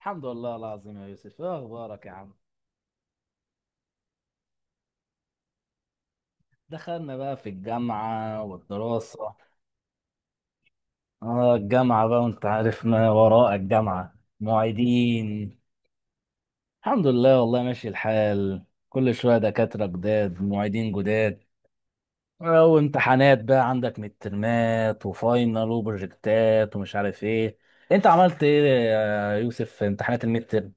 الحمد لله العظيم يا يوسف، ايه اخبارك يا عم؟ دخلنا بقى في الجامعة والدراسة. اه، الجامعة بقى، وانت عارف ما وراء الجامعة معيدين. الحمد لله والله ماشي الحال. كل شوية دكاترة جداد، معيدين جداد. اه، وامتحانات بقى، عندك مترمات وفاينل وبروجكتات ومش عارف ايه. انت عملت ايه يا يوسف في امتحانات المتر؟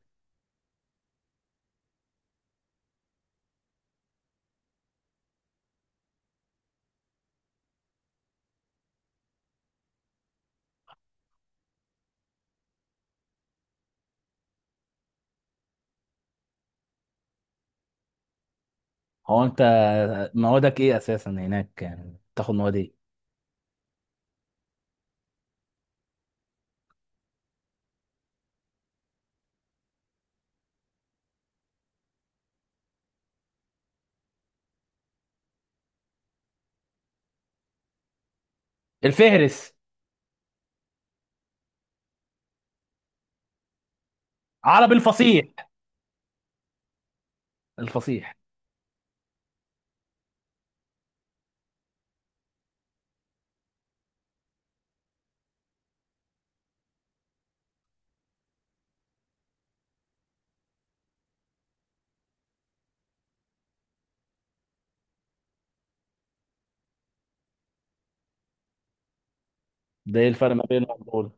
هو انت موادك ايه اساسا هناك، يعني بتاخد مواد ايه؟ الفهرس. عربي الفصيح. الفصيح ده. ايه الفرق ما بينه وبين دول؟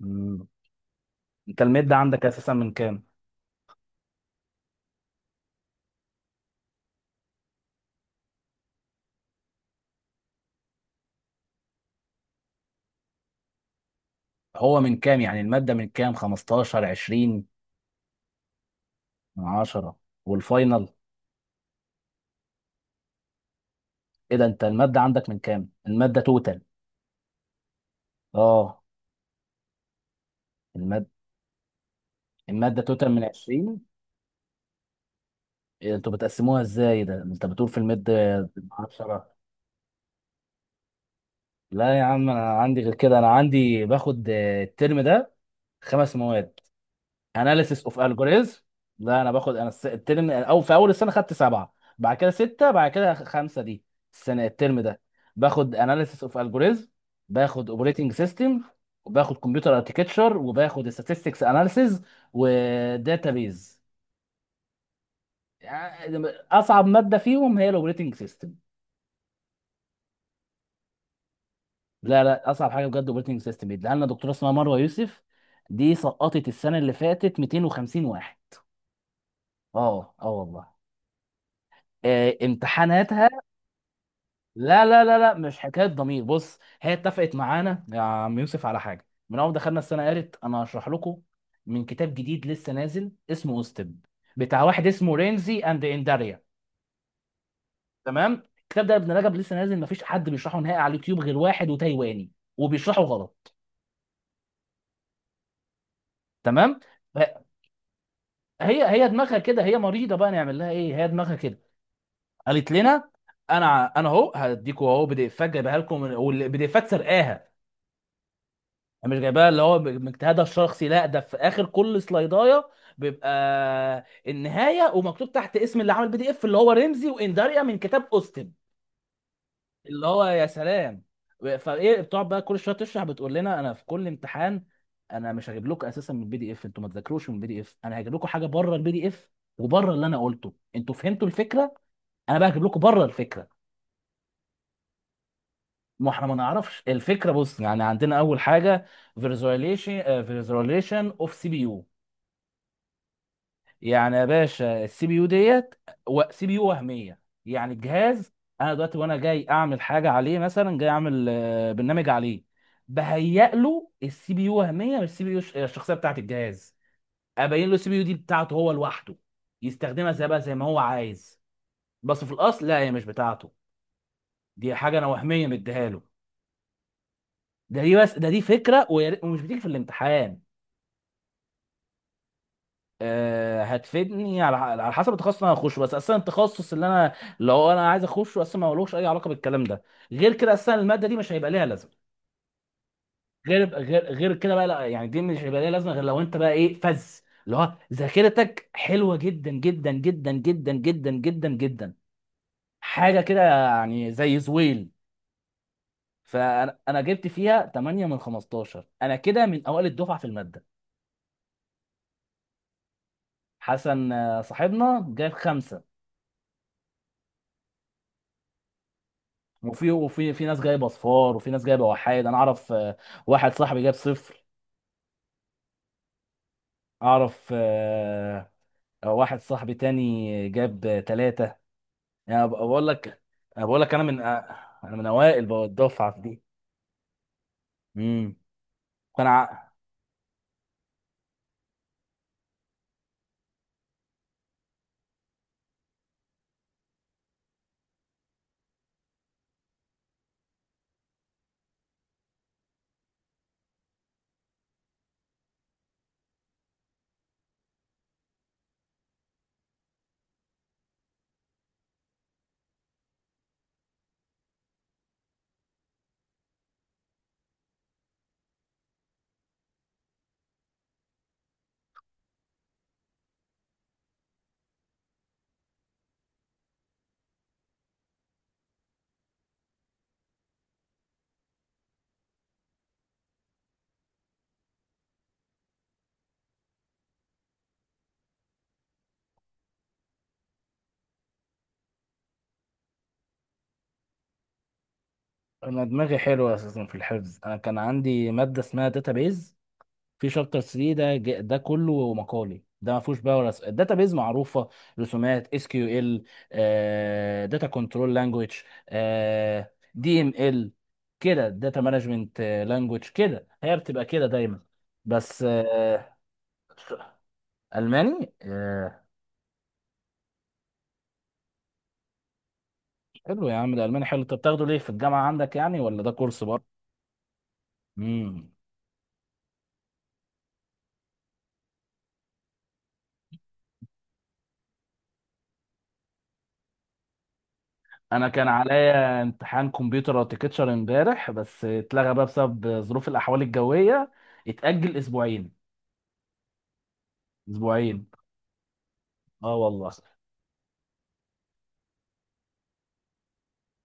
مم. انت المادة عندك اساسا من كام؟ هو من كام يعني المادة، من كام؟ 15؟ 20؟ من 10. والفاينل؟ ايه ده، انت المادة عندك من كام؟ المادة توتال. اه. المادة. المادة توتال من 20؟ إيه انتوا بتقسموها ازاي ده، انت بتقول في المادة 10؟ لا يا عم انا عندي غير كده. انا عندي باخد الترم ده خمس مواد: اناليسيس اوف الجوريزم. لا انا باخد، انا الترم، او في اول السنه خدت سبعه، بعد كده سته، بعد كده خمسه دي السنه الترم ده. باخد اناليسيس اوف الجوريزم، باخد اوبريتنج سيستم، وباخد كمبيوتر اركتكتشر، وباخد statistics اناليسيز، وداتابيز. اصعب ماده فيهم هي الاوبريتنج سيستم. لا، اصعب حاجه بجد اوبريتنج سيستم. بيديها لنا دكتوره اسمها مروه يوسف. دي سقطت السنه اللي فاتت 250 واحد. اه اه والله. امتحاناتها. لا، مش حكايه ضمير. بص، هي اتفقت معانا يا عم يوسف على حاجه من اول ما دخلنا السنه. قالت انا هشرح لكم من كتاب جديد لسه نازل اسمه اوستب، بتاع واحد اسمه رينزي اند انداريا. تمام. الكتاب ده يا ابن رجب لسه نازل، مفيش حد بيشرحه نهائي على اليوتيوب غير واحد وتايواني، وبيشرحه غلط. تمام. ف- هي هي دماغها كده، هي مريضه بقى، نعمل لها ايه، هي دماغها كده. قالت لنا: انا اهو هديكوا اهو بي دي اف جايبها لكم، والبي دي افات سرقاها، مش جايباها اللي هو من اجتهادها الشخصي. لا، ده في اخر كل سلايدايه بيبقى النهايه، ومكتوب تحت اسم اللي عمل بي دي اف، اللي هو رمزي وانداريا، من كتاب اوستن. اللي هو يا سلام. فايه، بتقعد بقى كل شويه تشرح، بتقول لنا انا في كل امتحان انا مش هجيب لكم اساسا من البي دي اف، انتوا ما تذاكروش من البي دي اف، انا هجيب لكم حاجه بره البي دي اف وبره اللي انا قلته. انتوا فهمتوا الفكره، انا بقى هجيب لكم بره الفكره. ما احنا ما نعرفش الفكره. بص يعني عندنا اول حاجه: فيرزواليشن اوف سي بي يو. يعني يا باشا السي بي يو ديت، سي بي يو وهميه، يعني الجهاز انا دلوقتي وانا جاي اعمل حاجه عليه، مثلا جاي اعمل برنامج عليه، بهيئ له السي بي يو وهميه، مش السي بي يو الشخصيه بتاعت الجهاز. ابين له السي بي يو دي بتاعته هو لوحده، يستخدمها زي بقى زي ما هو عايز. بس في الاصل لا، هي مش بتاعته، دي حاجه انا وهميه مديها له. ده دي بس ده دي فكره، ومش بتيجي في الامتحان. هتفيدني على على حسب التخصص اللي انا هخشه، بس اصلا التخصص اللي انا، لو انا عايز اخشه اصلا ما لهوش اي علاقه بالكلام ده، غير كده اصلا الماده دي مش هيبقى ليها لازمه. غير كده بقى، لا يعني دي مش هيبقى ليها لازمه، غير لو انت بقى ايه فز اللي هو ذاكرتك حلوه جدا جدا جدا جدا جدا جدا جدا، حاجه كده يعني زي زويل. فانا جبت فيها 8 من 15، انا كده من اوائل الدفعه في الماده. حسن صاحبنا جاب خمسة. وفي ناس جايبه صفار وفي ناس جايبه وحايد. انا اعرف واحد صاحبي جاب صفر. اعرف واحد صاحبي تاني جاب ثلاثة. يعني بقول لك. أنا بقول لك انا من انا من اوائل بقى الدفعه في دي. امم. فانا ع- انا دماغي حلوه اساسا في الحفظ. انا كان عندي ماده اسمها داتابيز، في شابتر 3 ده ده كله مقالي، ده ما فيهوش بقى ولا داتا بيز معروفه. رسومات اس كيو ال، داتا كنترول لانجويج، دي ام ال كده، داتا مانجمنت لانجويج كده، هي بتبقى كده دايما. بس الماني. حلو يا عم، ده الماني حلو. انت بتاخده ليه في الجامعه عندك يعني ولا ده كورس برضه؟ امم. انا كان عليا امتحان كمبيوتر اركتشر امبارح، بس اتلغى بقى بسبب ظروف الاحوال الجويه، اتاجل اسبوعين. اسبوعين. اه والله.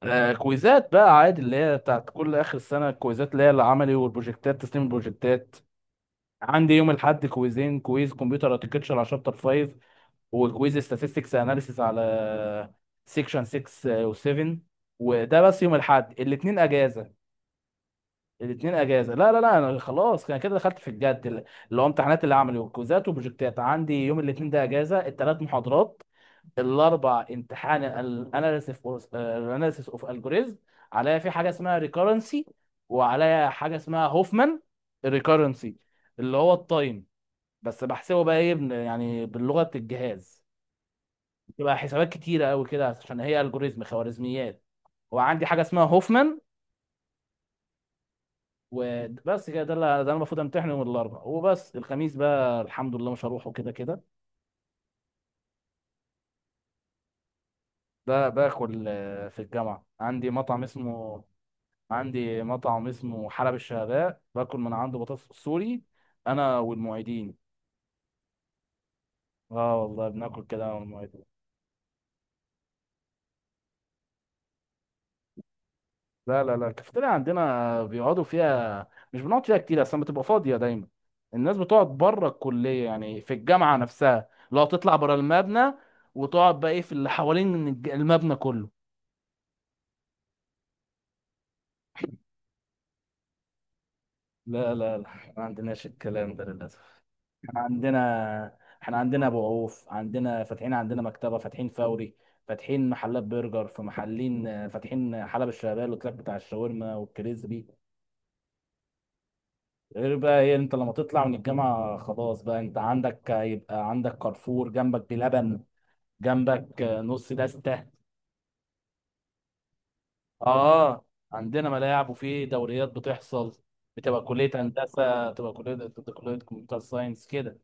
آه، كويزات بقى عادي اللي هي بتاعت كل اخر السنه، الكويزات اللي هي العملي والبروجكتات، تسليم البروجكتات. عندي يوم الاحد كويزين: كويز كمبيوتر اركتشر على شابتر 5، وكويز statistics اناليسيس على سيكشن 6 و7. وده بس يوم الاحد. الاثنين اجازه. الاثنين اجازه. لا، انا خلاص، انا كده دخلت في الجد، اللي هو امتحانات، اللي عملي وكوزات وبروجكتات. عندي يوم الاثنين ده اجازه الثلاث محاضرات. الاربع امتحان الاناليسيس، الاناليسيس اوف الجوريزم. عليا في حاجه اسمها ريكورنسي، وعليا حاجه اسمها هوفمان. ريكورنسي اللي هو التايم، بس بحسبه بقى ايه يعني باللغه الجهاز، بتبقى حسابات كتيره قوي كده، عشان هي الجوريزم خوارزميات. وعندي حاجه اسمها هوفمان، وبس كده. ده اللي ده انا المفروض امتحن يوم الاربعاء وبس، الخميس بقى الحمد لله مش هروحه كده كده. ده باكل في الجامعه عندي مطعم اسمه، عندي مطعم اسمه حلب الشهباء، باكل من عنده بطاطس سوري، انا والمعيدين. اه والله بناكل كده انا والمعيدين. لا، الكافيتيريا عندنا بيقعدوا فيها، مش بنقعد فيها كتير، اصلا بتبقى فاضيه دايما. الناس بتقعد بره الكليه يعني، في الجامعه نفسها، لو تطلع بره المبنى وتقعد بقى ايه في اللي حوالين المبنى كله. لا، احنا ما عندناش الكلام ده للأسف. احنا عندنا احنا عندنا أبو عوف، عندنا فاتحين، عندنا مكتبة فاتحين، فوري فاتحين، محلات برجر في محلين فاتحين، حلب الشغال، والتراك بتاع الشاورما والكريسبي. غير بقى ايه، انت لما تطلع من الجامعة خلاص بقى انت عندك، هيبقى عندك كارفور جنبك، بلبن جنبك، نص دستة. اه، عندنا ملاعب، وفي دوريات بتحصل. بتبقى كلية هندسة، بتبقى كلية، بتبقى كلية كمبيوتر ساينس كده.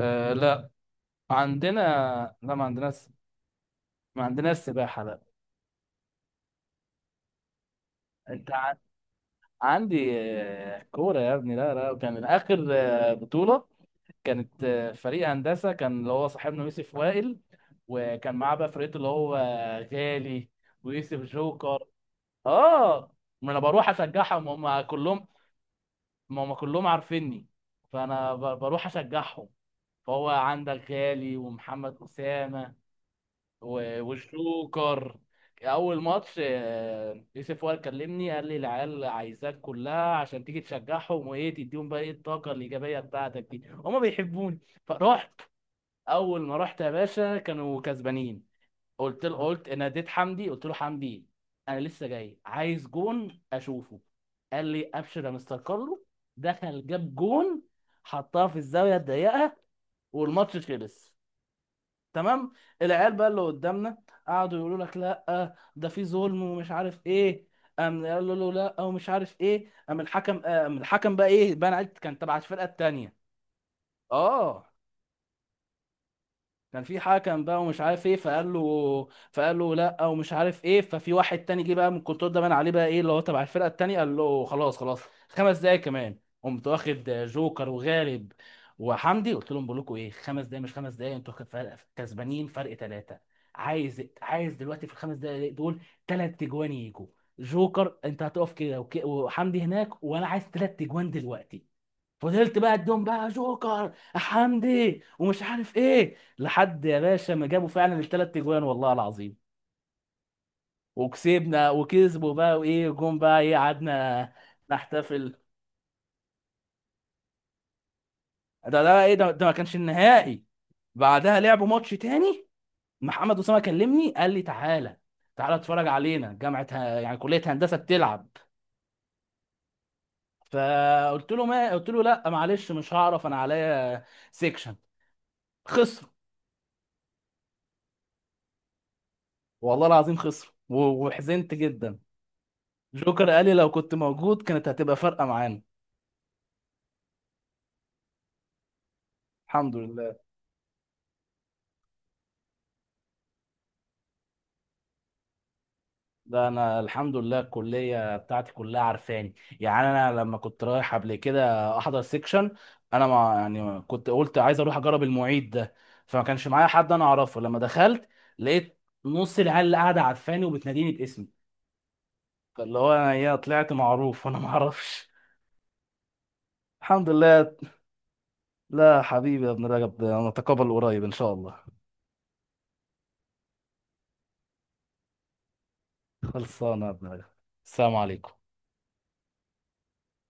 آه لا. عندنا. لا ما عندناش، ما عندناش سباحة لا. انت ع... عندي كورة يا ابني. لا لا، كان اخر بطولة كانت فريق هندسة كان، اللي هو صاحبنا يوسف وائل، وكان معاه بقى فرقته اللي هو غالي ويوسف جوكر. اه. ما انا بروح اشجعهم، هم كلهم، ما هم كلهم عارفيني، بروح اشجعهم. فهو عندك غالي ومحمد اسامة والشوكر. اول ماتش يوسف وائل كلمني، قال لي العيال عايزاك كلها عشان تيجي تشجعهم، وايه تديهم بقى ايه الطاقه الايجابيه بتاعتك دي، هما بيحبوني. فرحت. اول ما رحت يا باشا كانوا كسبانين. قلت له، قلت ناديت حمدي، قلت له حمدي انا لسه جاي، عايز جون اشوفه. قال لي ابشر يا مستر كارلو. دخل، جاب جون، حطها في الزاويه الضيقه، والماتش خلص. تمام. العيال بقى اللي قدامنا قعدوا يقولوا لك لا ده في ظلم ومش عارف ايه، قام قالوا له لا ومش عارف ايه، قام الحكم، قام الحكم بقى ايه بقى أنا عرفت كان تبع الفرقه التانيه. اه، كان في حكم بقى ومش عارف ايه، فقال له لا ومش عارف ايه، ففي واحد تاني جه بقى من الكنترول، ده بان عليه بقى ايه اللي هو تبع الفرقه التانيه، قال له خلاص خلاص، خمس دقايق كمان. قمت واخد جوكر وغالب وحمدي، قلت لهم بقول لكم ايه، خمس دقايق، مش خمس دقايق انتوا كسبانين فرق ثلاثه، عايز عايز دلوقتي في الخمس دقايق دول ثلاث تجوان يجوا. جوكر انت هتقف كده وحمدي هناك وانا عايز ثلاث تجوان دلوقتي. فضلت بقى اديهم بقى جوكر حمدي ومش عارف ايه لحد يا باشا ما جابوا فعلا الثلاث اجوان والله العظيم، وكسبنا. وكسبوا بقى وايه، جم بقى ايه قعدنا نحتفل. ده ده ما كانش النهائي. بعدها لعبوا ماتش تاني. محمد اسامه كلمني، قال لي تعالى، تعالى اتفرج علينا، جامعه يعني كليه هندسه بتلعب. فقلت له، ما قلت له لا معلش مش هعرف، انا عليا سيكشن. خسروا. والله العظيم خسروا وحزنت جدا. جوكر قال لي لو كنت موجود كانت هتبقى فارقه معانا. الحمد لله. ده انا الحمد لله الكليه بتاعتي كلها عارفاني. يعني انا لما كنت رايح قبل كده احضر سيكشن، انا ما يعني كنت قلت عايز اروح اجرب المعيد ده، فما كانش معايا حد انا اعرفه. لما دخلت لقيت نص العيال اللي قاعده عارفاني وبتناديني باسمي، فاللي هو انا ايه طلعت معروف وانا ما اعرفش. الحمد لله. لا حبيبي يا ابن رجب، ده نتقابل قريب ان شاء الله. خلصانه يا ابن رجب. السلام عليكم.